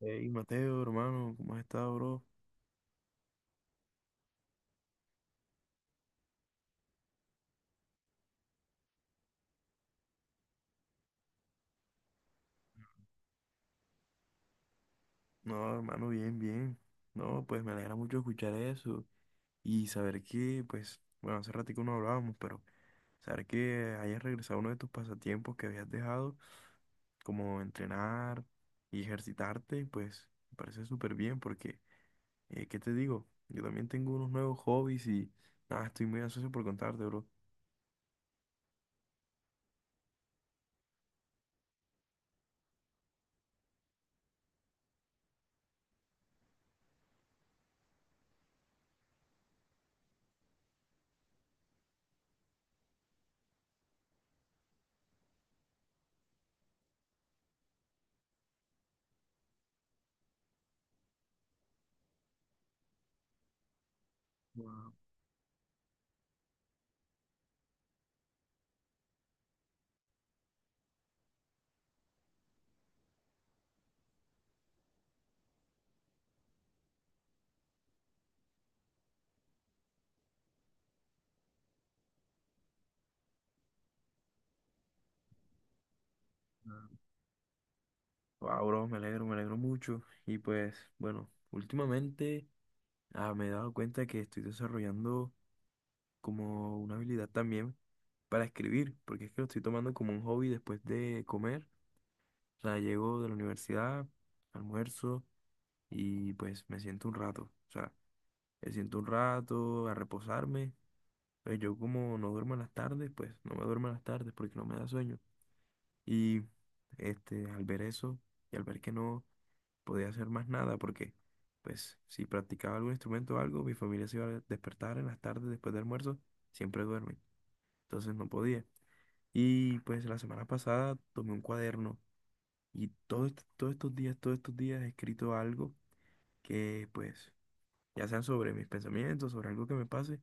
Hey, Mateo, hermano, ¿cómo has estado, bro? No, hermano, bien, bien. No, pues me alegra mucho escuchar eso y saber que, pues, bueno, hace ratico no hablábamos, pero saber que hayas regresado a uno de tus pasatiempos que habías dejado, como entrenar y ejercitarte, pues, me parece súper bien porque, ¿qué te digo? Yo también tengo unos nuevos hobbies y, nada, estoy muy ansioso por contarte, bro. Wow. Wow, bro, me alegro mucho. Y pues, bueno, últimamente me he dado cuenta que estoy desarrollando como una habilidad también para escribir, porque es que lo estoy tomando como un hobby después de comer. O sea, llego de la universidad, almuerzo y pues me siento un rato. O sea, me siento un rato a reposarme. Pues yo como no duermo en las tardes, pues no me duermo en las tardes porque no me da sueño. Y este, al ver eso y al ver que no podía hacer más nada porque, pues, si practicaba algún instrumento o algo, mi familia se iba a despertar en las tardes después del almuerzo, siempre duermen, entonces no podía. Y pues la semana pasada tomé un cuaderno y todos estos días he escrito algo que, pues, ya sean sobre mis pensamientos, sobre algo que me pase,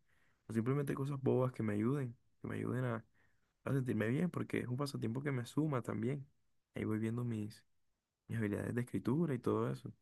o simplemente cosas bobas que me ayuden a sentirme bien, porque es un pasatiempo que me suma también. Ahí voy viendo mis, mis habilidades de escritura y todo eso.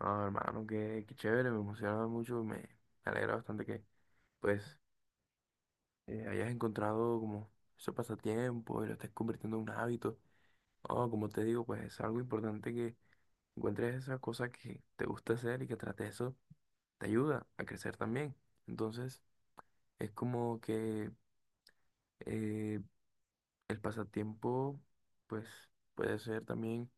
No, hermano, qué, qué chévere, me emociona mucho, me alegra bastante que pues hayas encontrado como ese pasatiempo y lo estés convirtiendo en un hábito. No, como te digo, pues es algo importante que encuentres esa cosa que te gusta hacer y que tras de eso te ayuda a crecer también. Entonces, es como que eh, el pasatiempo pues puede ser también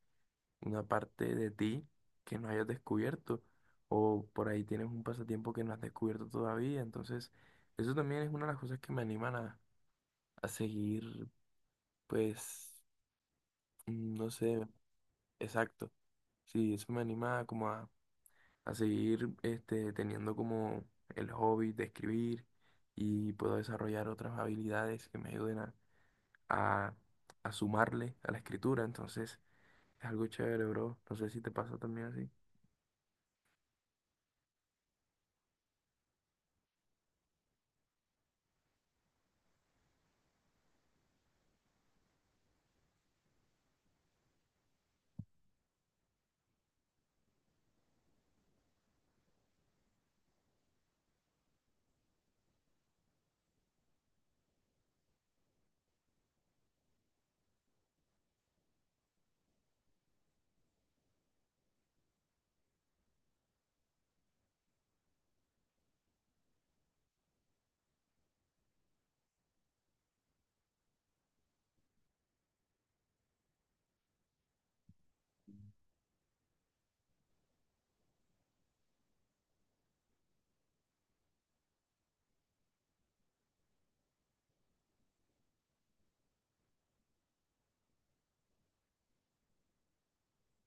una parte de ti que no hayas descubierto o por ahí tienes un pasatiempo que no has descubierto todavía. Entonces, eso también es una de las cosas que me animan a seguir, pues, no sé, exacto. Sí, eso me anima como a seguir este, teniendo como el hobby de escribir y puedo desarrollar otras habilidades que me ayuden a, a sumarle a la escritura. Entonces, es algo chévere, bro. No sé si te pasa también así.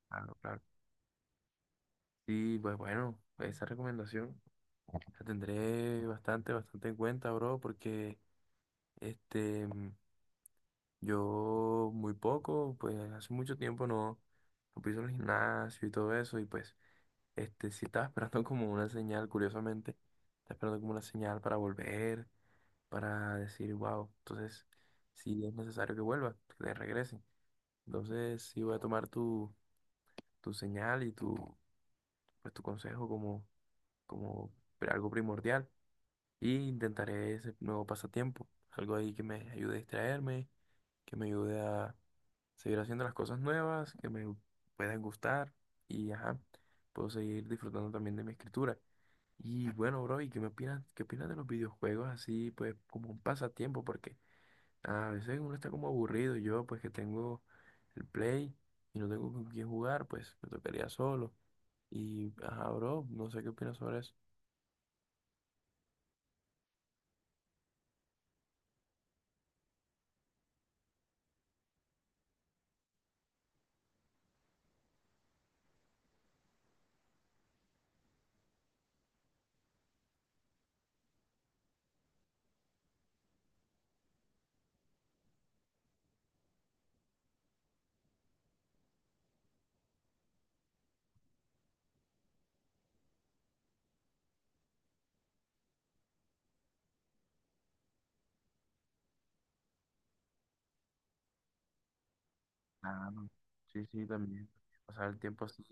Claro, claro. Sí, pues bueno, esa recomendación la tendré bastante, bastante en cuenta, bro, porque este, mm, yo muy poco, pues hace mucho tiempo no, no piso en el gimnasio y todo eso, y pues este, sí estaba esperando como una señal, curiosamente, estaba esperando como una señal para volver, para decir, wow, entonces sí es necesario que vuelva, que te regrese. Entonces sí voy a tomar tu, tu señal y tu, pues, tu consejo como, como algo primordial. Y intentaré ese nuevo pasatiempo, algo ahí que me ayude a distraerme, que me ayude a seguir haciendo las cosas nuevas, que me puedan gustar y ajá, puedo seguir disfrutando también de mi escritura. Y bueno, bro, ¿y qué me opinas? ¿Qué opinas de los videojuegos así, pues como un pasatiempo? Porque a veces uno está como aburrido. Yo, pues que tengo el Play y no tengo con quién jugar, pues me tocaría solo. Y ajá, bro, no sé qué opinas sobre eso. Claro, sí, sí, también. Pasar el tiempo así.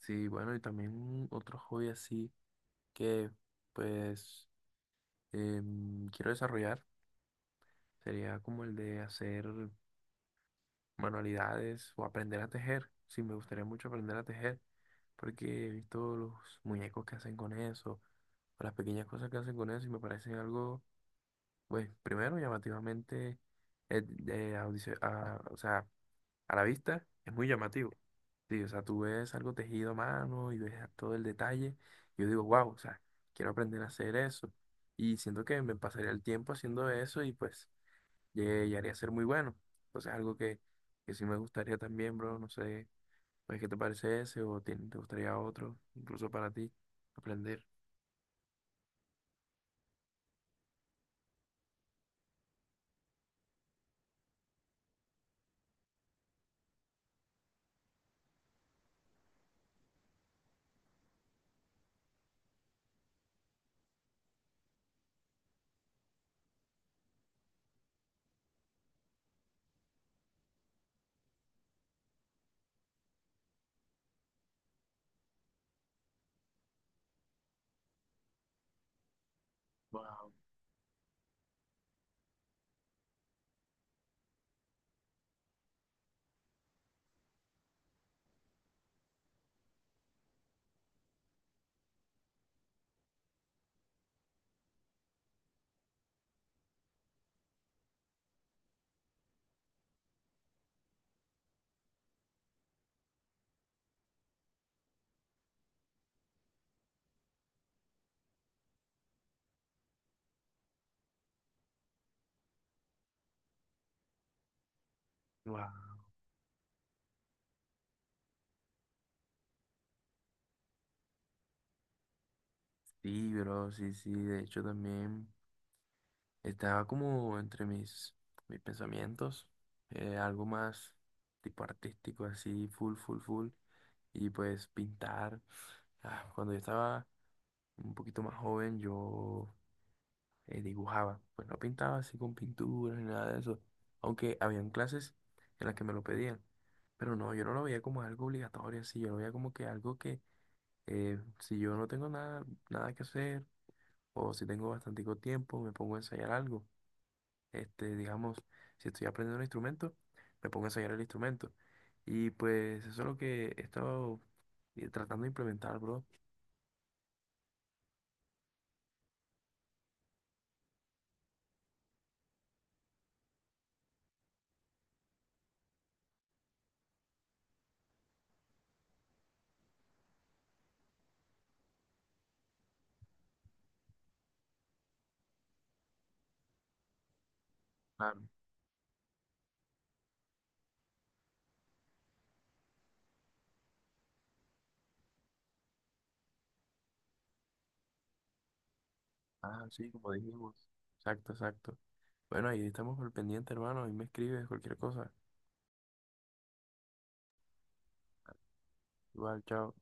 Sí, bueno, y también otro hobby así que pues quiero desarrollar sería como el de hacer manualidades o aprender a tejer. Sí, me gustaría mucho aprender a tejer porque he visto los muñecos que hacen con eso, o las pequeñas cosas que hacen con eso y me parecen algo, pues primero llamativamente, eh, o sea, a la vista es muy llamativo. Sí, o sea, tú ves algo tejido a mano y ves todo el detalle. Y yo digo, wow, o sea, quiero aprender a hacer eso. Y siento que me pasaría el tiempo haciendo eso y pues llegaría a ser muy bueno. Entonces, algo que sí me gustaría también, bro. No sé, pues, ¿qué te parece ese o te gustaría otro, incluso para ti, aprender? Wow, wow. Sí, bro, sí, sí. De hecho, también. Estaba como entre mis, mis pensamientos, algo más tipo artístico, así, full, full, full. Y pues pintar. Ah, cuando yo estaba un poquito más joven, yo dibujaba. Pues no pintaba así con pinturas ni nada de eso. Aunque habían clases en las que me lo pedían. Pero no, yo no lo veía como algo obligatorio, así. Yo lo veía como que algo que si yo no tengo nada, nada que hacer o si tengo bastante tiempo, me pongo a ensayar algo. Este, digamos, si estoy aprendiendo un instrumento, me pongo a ensayar el instrumento. Y pues eso es lo que he estado tratando de implementar, bro. Claro. Ah, sí, como dijimos. Exacto, exacto. Bueno, ahí estamos al pendiente, hermano. Ahí me escribes cualquier cosa. Igual, chao.